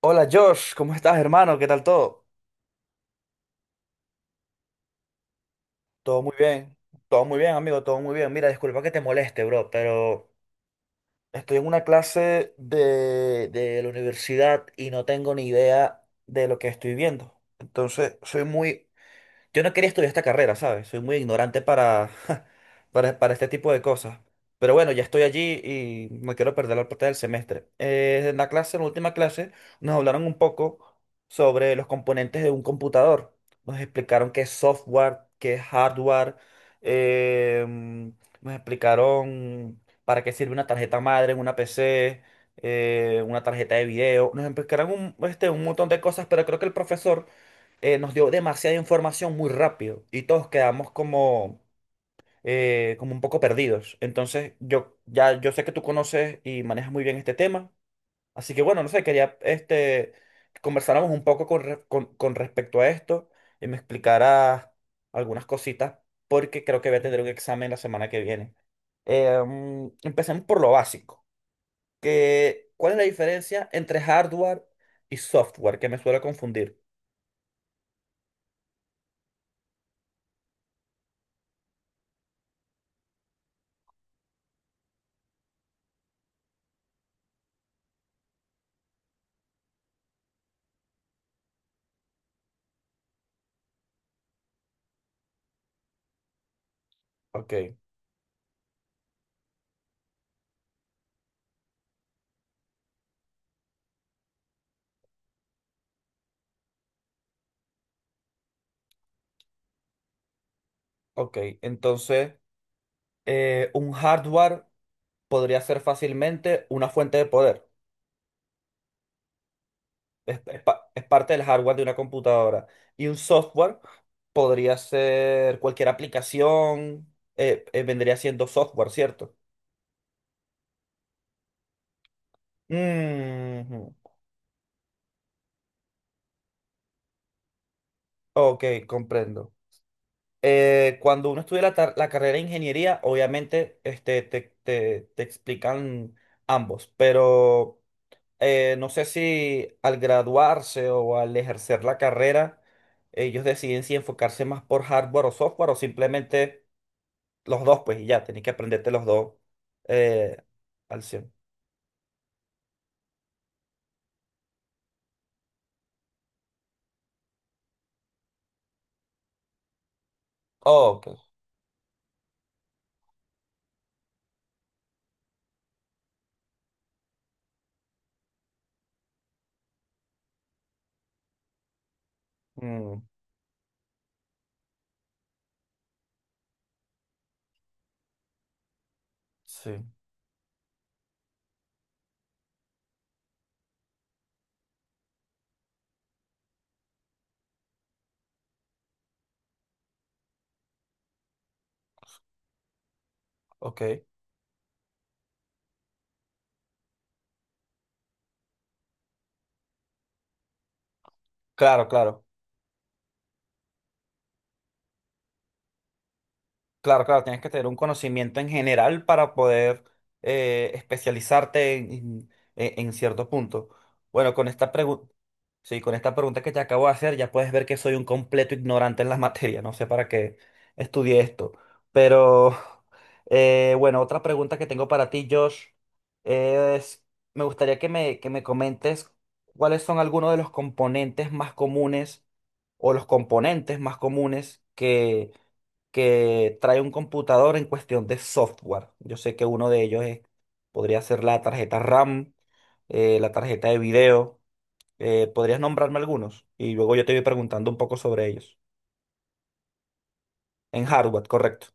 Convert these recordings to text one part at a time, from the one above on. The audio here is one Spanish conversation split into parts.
Hola Josh, ¿cómo estás, hermano? ¿Qué tal todo? Todo muy bien, todo muy bien, amigo, todo muy bien. Mira, disculpa que te moleste, bro, pero estoy en una clase de la universidad y no tengo ni idea de lo que estoy viendo. Entonces, soy muy... Yo no quería estudiar esta carrera, ¿sabes? Soy muy ignorante para, para este tipo de cosas. Pero bueno, ya estoy allí y no quiero perder la parte del semestre. En la clase, en la última clase, nos hablaron un poco sobre los componentes de un computador. Nos explicaron qué es software, qué es hardware. em, Nos explicaron para qué sirve una tarjeta madre en una PC, una tarjeta de video. Nos explicaron un montón de cosas, pero creo que el profesor nos dio demasiada información muy rápido y todos quedamos como, como un poco perdidos. Entonces, yo sé que tú conoces y manejas muy bien este tema, así que bueno, no sé, quería que conversáramos un poco con respecto a esto y me explicaras algunas cositas porque creo que voy a tener un examen la semana que viene. Empecemos por lo básico, ¿cuál es la diferencia entre hardware y software? Que me suele confundir. Ok, ok, entonces... un hardware podría ser fácilmente una fuente de poder. Es parte del hardware de una computadora. Y un software podría ser cualquier aplicación. Vendría siendo software, ¿cierto? Mm, ok, comprendo. Cuando uno estudia la carrera de ingeniería, obviamente te explican ambos, pero no sé si al graduarse o al ejercer la carrera, ellos deciden si enfocarse más por hardware o software o simplemente los dos, pues y ya, tenés que aprenderte los dos eh, al cien. Oh, ok. Mm, sí, ok. Claro, claro. Claro, claro, tienes que tener un conocimiento en general para poder especializarte en cierto punto. Bueno, con esta pregunta, sí, con esta pregunta que te acabo de hacer, ya puedes ver que soy un completo ignorante en la materia. No sé para qué estudié esto. Pero, bueno, otra pregunta que tengo para ti, Josh, es, me gustaría que me comentes cuáles son algunos de los componentes más comunes o los componentes más comunes que trae un computador en cuestión de software. Yo sé que uno de ellos es... podría ser la tarjeta RAM, la tarjeta de video. ¿Podrías nombrarme algunos? Y luego yo te voy preguntando un poco sobre ellos. En hardware, correcto.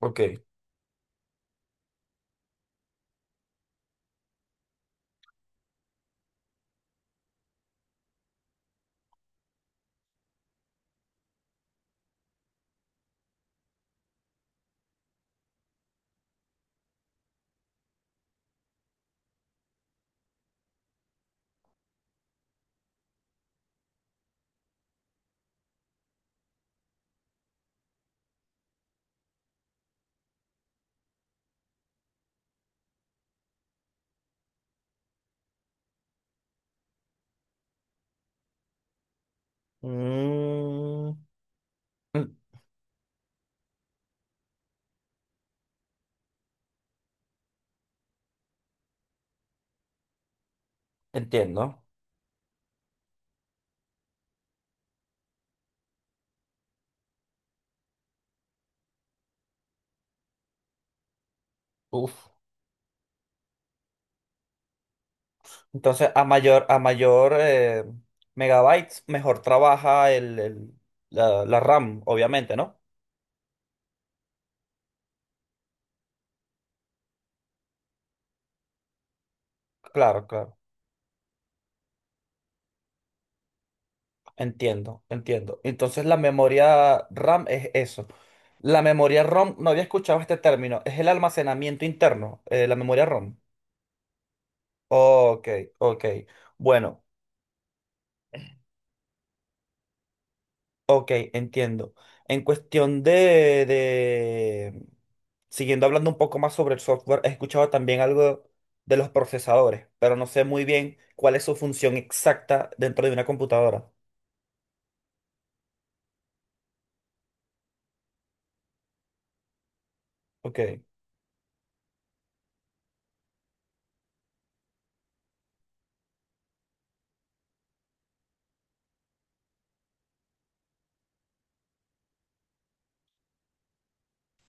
Ok. Mm, mm, entiendo. Uf. Entonces, a mayor megabytes, mejor trabaja la, la RAM, obviamente, ¿no? Claro, claro. Entiendo, entiendo. Entonces la memoria RAM es eso. La memoria ROM, no había escuchado este término, es el almacenamiento interno, la memoria ROM. Ok, ok. Bueno, ok, entiendo. En cuestión de... Siguiendo hablando un poco más sobre el software, he escuchado también algo de los procesadores, pero no sé muy bien cuál es su función exacta dentro de una computadora. Ok,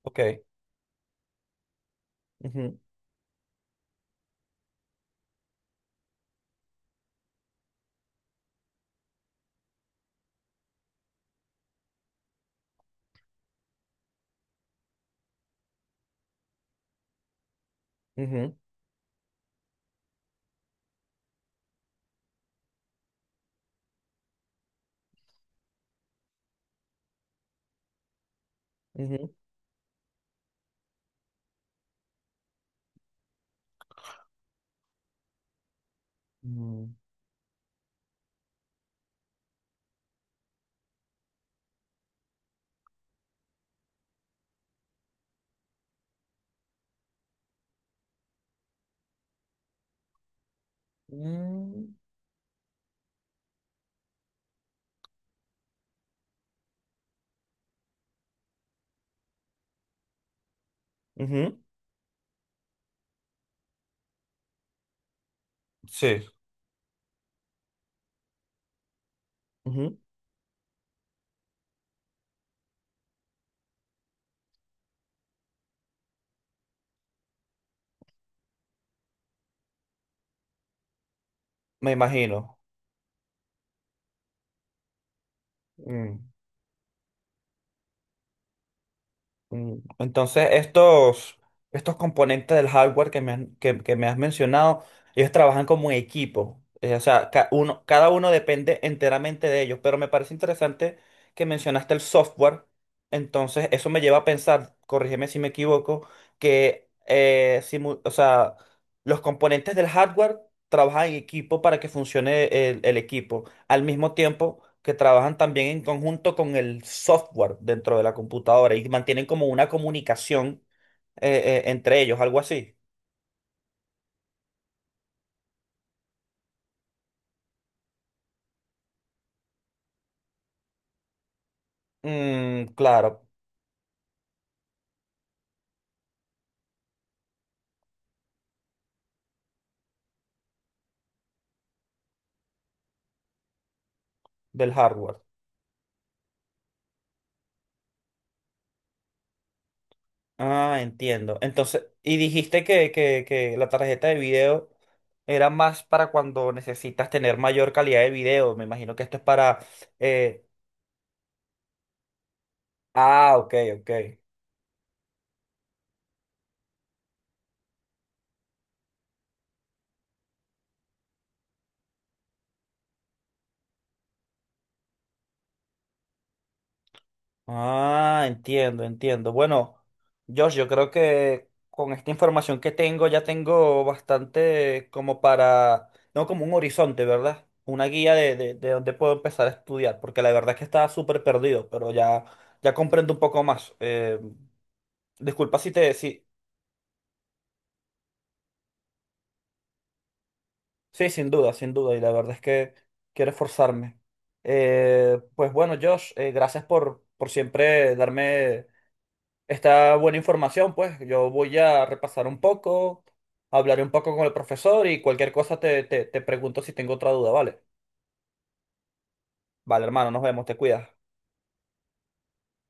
ok. Ujú, ujú, ujú. Mm. Mm, ujú, sí, ujú. Me imagino. Mm, mm. Entonces, estos, estos componentes del hardware que me has mencionado, ellos trabajan como en equipo. O sea, cada uno depende enteramente de ellos. Pero me parece interesante que mencionaste el software. Entonces, eso me lleva a pensar, corrígeme si me equivoco, que o sea, los componentes del hardware trabajan en equipo para que funcione el equipo, al mismo tiempo que trabajan también en conjunto con el software dentro de la computadora y mantienen como una comunicación entre ellos, algo así. Mm, claro, del hardware. Ah, entiendo. Entonces, y dijiste que la tarjeta de video era más para cuando necesitas tener mayor calidad de video. Me imagino que esto es para... eh, ah, ok, ok. Ah, entiendo, entiendo. Bueno, Josh, yo creo que con esta información que tengo ya tengo bastante como para, no como un horizonte, ¿verdad? Una guía de dónde puedo empezar a estudiar, porque la verdad es que estaba súper perdido, pero ya, ya comprendo un poco más. Disculpa si te... Sí, sí, sin duda, sin duda, y la verdad es que quiero esforzarme. Pues bueno, Josh, gracias por siempre darme está buena información, pues. Yo voy a repasar un poco, hablaré un poco con el profesor y cualquier cosa te pregunto si tengo otra duda, ¿vale? Vale, hermano, nos vemos, te cuidas.